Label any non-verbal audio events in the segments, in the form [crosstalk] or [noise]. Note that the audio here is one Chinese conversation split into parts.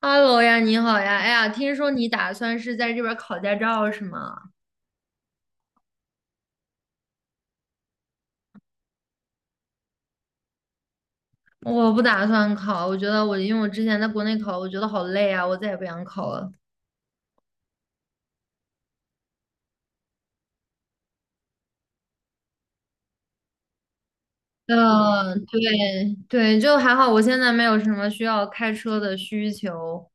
Hello 呀，你好呀！哎呀，听说你打算是在这边考驾照是吗？我不打算考，我觉得我因为我之前在国内考，我觉得好累啊，我再也不想考了。嗯，对对，就还好，我现在没有什么需要开车的需求。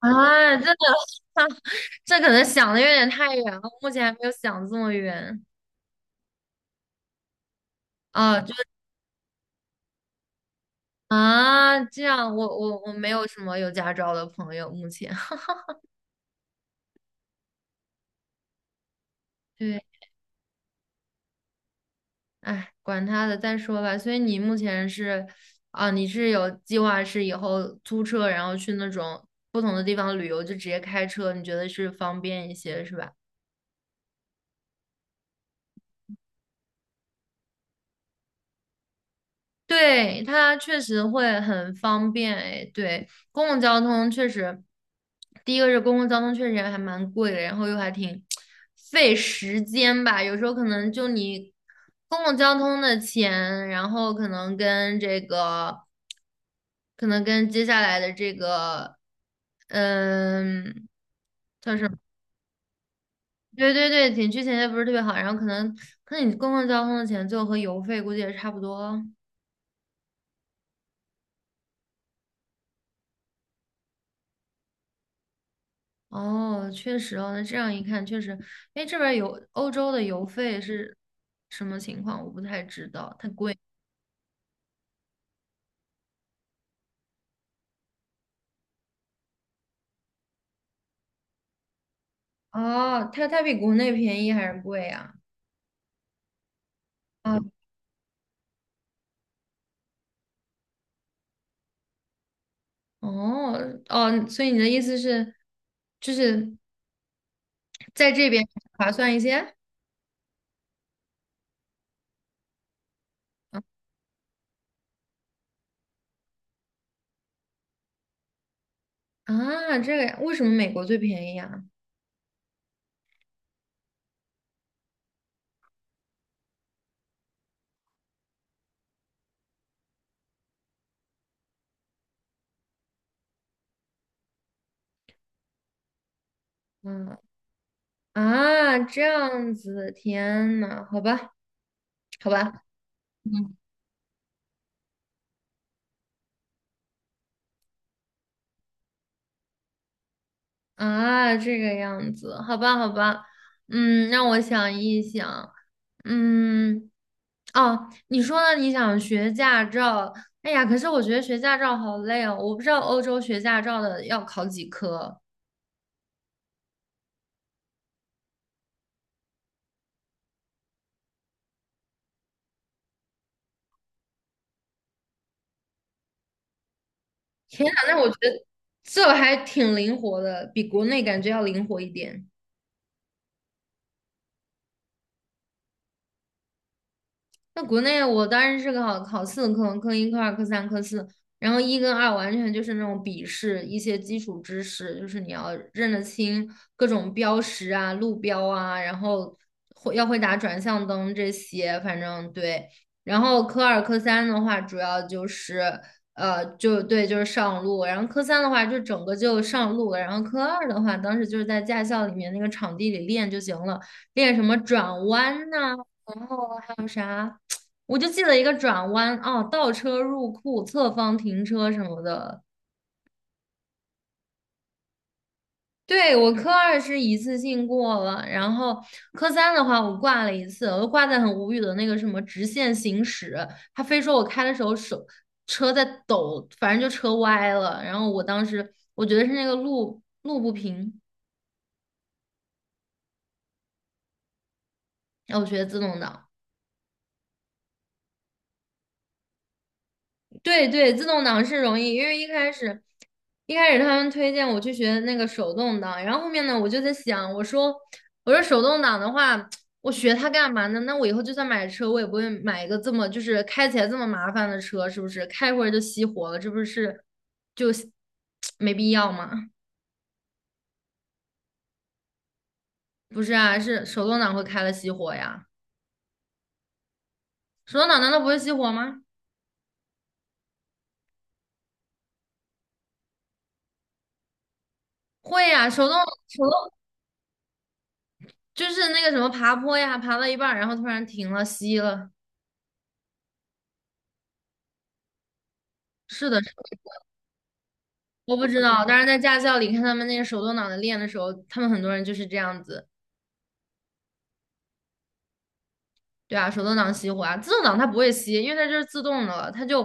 啊，真的，[laughs] 这可能想的有点太远了，目前还没有想这么远。啊，就啊，这样，我没有什么有驾照的朋友，目前。[laughs] 对。哎，管他的，再说吧。所以你目前是，啊，你是有计划是以后租车，然后去那种不同的地方旅游，就直接开车，你觉得是方便一些，是吧？对，它确实会很方便，哎，对，公共交通确实，第一个是公共交通确实还蛮贵的，然后又还挺费时间吧，有时候可能就你公共交通的钱，然后可能跟接下来的这个，嗯，对对对，景区衔接不是特别好，然后可能你公共交通的钱最后和油费估计也差不多。哦，确实哦，那这样一看确实，哎，这边儿有欧洲的油费是什么情况？我不太知道，太贵。哦，它比国内便宜还是贵啊？啊，哦哦，所以你的意思是，就是在这边划算一些啊？这个呀为什么美国最便宜啊？嗯啊，这样子，天呐，好吧，好吧，嗯，啊，这个样子，好吧，好吧，嗯，让我想一想，嗯，哦，你说呢？你想学驾照？哎呀，可是我觉得学驾照好累哦，我不知道欧洲学驾照的要考几科。天呐，那我觉得这还挺灵活的，比国内感觉要灵活一点。那国内我当时是考四科，科一、科二、科三、科四，然后一跟二完全就是那种笔试，一些基础知识，就是你要认得清各种标识啊、路标啊，然后会要会打转向灯这些，反正对。然后科二、科三的话，主要就是就对，就是上路。然后科三的话，就整个就上路了。然后科二的话，当时就是在驾校里面那个场地里练就行了，练什么转弯呐、然后还有啥？我就记得一个转弯哦，倒车入库、侧方停车什么的。对，我科二是一次性过了，然后科三的话我挂了一次，我就挂在很无语的那个什么直线行驶，他非说我开的时候手车在抖，反正就车歪了，然后我当时我觉得是那个路不平，然后我学的自动挡。对对，自动挡是容易，因为一开始他们推荐我去学那个手动挡，然后后面呢，我就在想，我说手动挡的话，我学它干嘛呢？那我以后就算买车，我也不会买一个这么就是开起来这么麻烦的车，是不是？开一会儿就熄火了，这不是就 [tsk] 没必要吗？不是啊，是手动挡会开了熄火呀，手动挡难道不会熄火吗？会呀，手动就是那个什么爬坡呀，爬到一半儿然后突然停了，熄了，是的。我不知道，但是在驾校里看他们那个手动挡的练的时候，他们很多人就是这样子，对啊，手动挡熄火啊，自动挡它不会熄，因为它就是自动的了，它就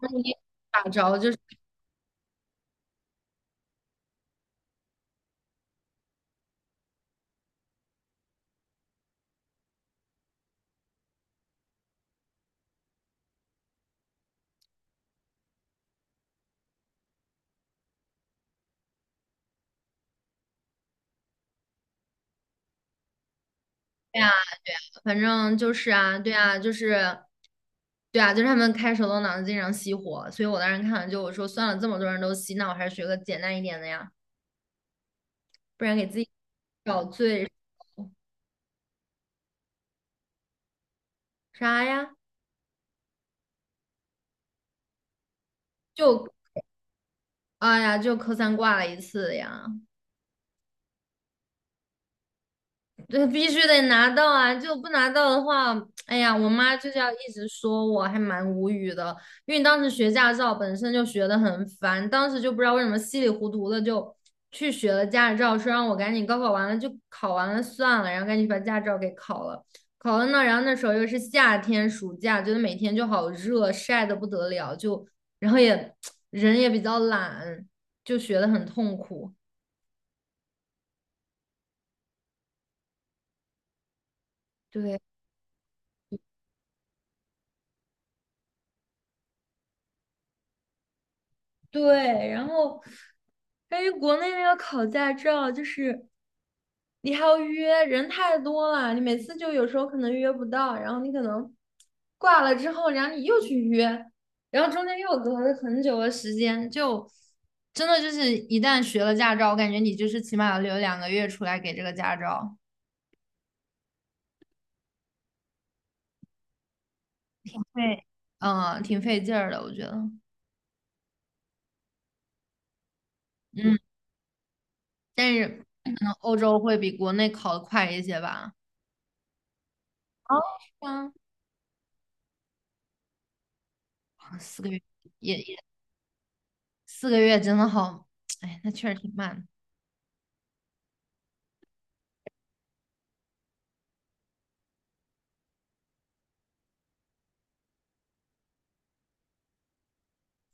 那你打着就是对啊，反正就是啊，对啊，就是他们开手动挡的经常熄火，所以我当时看了就我说算了，这么多人都熄，那我还是学个简单一点的呀，不然给自己找罪啥呀？就哎呀，就科三挂了一次呀，对，必须得拿到啊！就不拿到的话，哎呀，我妈就是要一直说我，还蛮无语的。因为当时学驾照本身就学得很烦，当时就不知道为什么稀里糊涂的就去学了驾照，说让我赶紧高考完了就考完了算了，然后赶紧把驾照给考了。考了呢，然后那时候又是夏天，暑假，觉得每天就好热，晒得不得了，就然后也 [tsk] 人也比较懒，就学得很痛苦。对。对，然后关于国内那个考驾照，就是你还要约，人太多了，你每次就有时候可能约不到，然后你可能挂了之后，然后你又去约，然后中间又隔了很久的时间，就真的就是一旦学了驾照，我感觉你就是起码要留两个月出来给这个驾照，对，嗯，挺费劲儿的，我觉得，嗯，但是可能欧洲会比国内考的快一些吧。哦，是吗？啊四个月也也四个月真的好，[tsk] 哎，那确实挺慢的。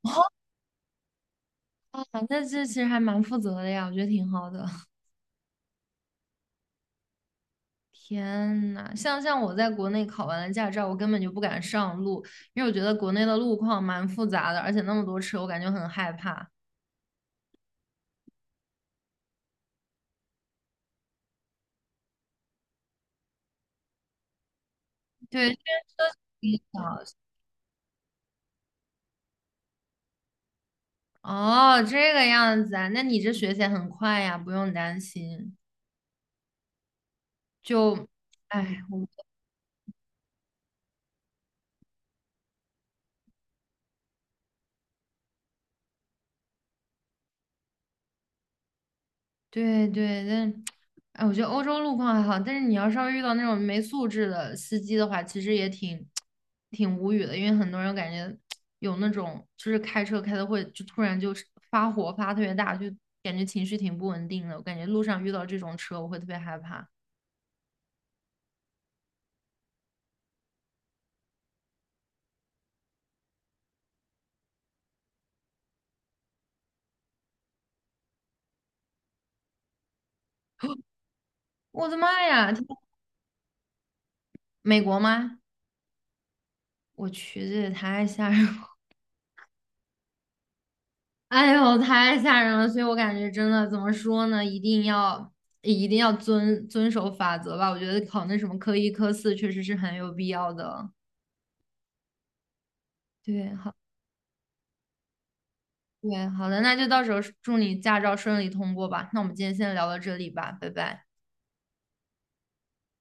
[laughs] 啊，那这其实还蛮负责的呀，我觉得挺好的。[laughs] 天呐，像我在国内考完了驾照，我根本就不敢上路，因为我觉得国内的路况蛮复杂的，而且那么多车，我感觉很害怕。对，[laughs] 哦，这个样子啊，那你这学起来很快呀，不用担心。就，哎，我对对，但哎，我觉得欧洲路况还好，但是你要稍微遇到那种没素质的司机的话，其实也挺无语的，因为很多人感觉有那种就是开车开的会就突然就是发火发特别大，就感觉情绪挺不稳定的。我感觉路上遇到这种车，我会特别害怕。我的妈呀，天美国吗？我去，这也太吓人了！哎呦，太吓人了！所以我感觉真的怎么说呢，一定要遵守法则吧。我觉得考那什么科一、科四确实是很有必要的。对，好，对，好的，那就到时候祝你驾照顺利通过吧。那我们今天先聊到这里吧，拜拜。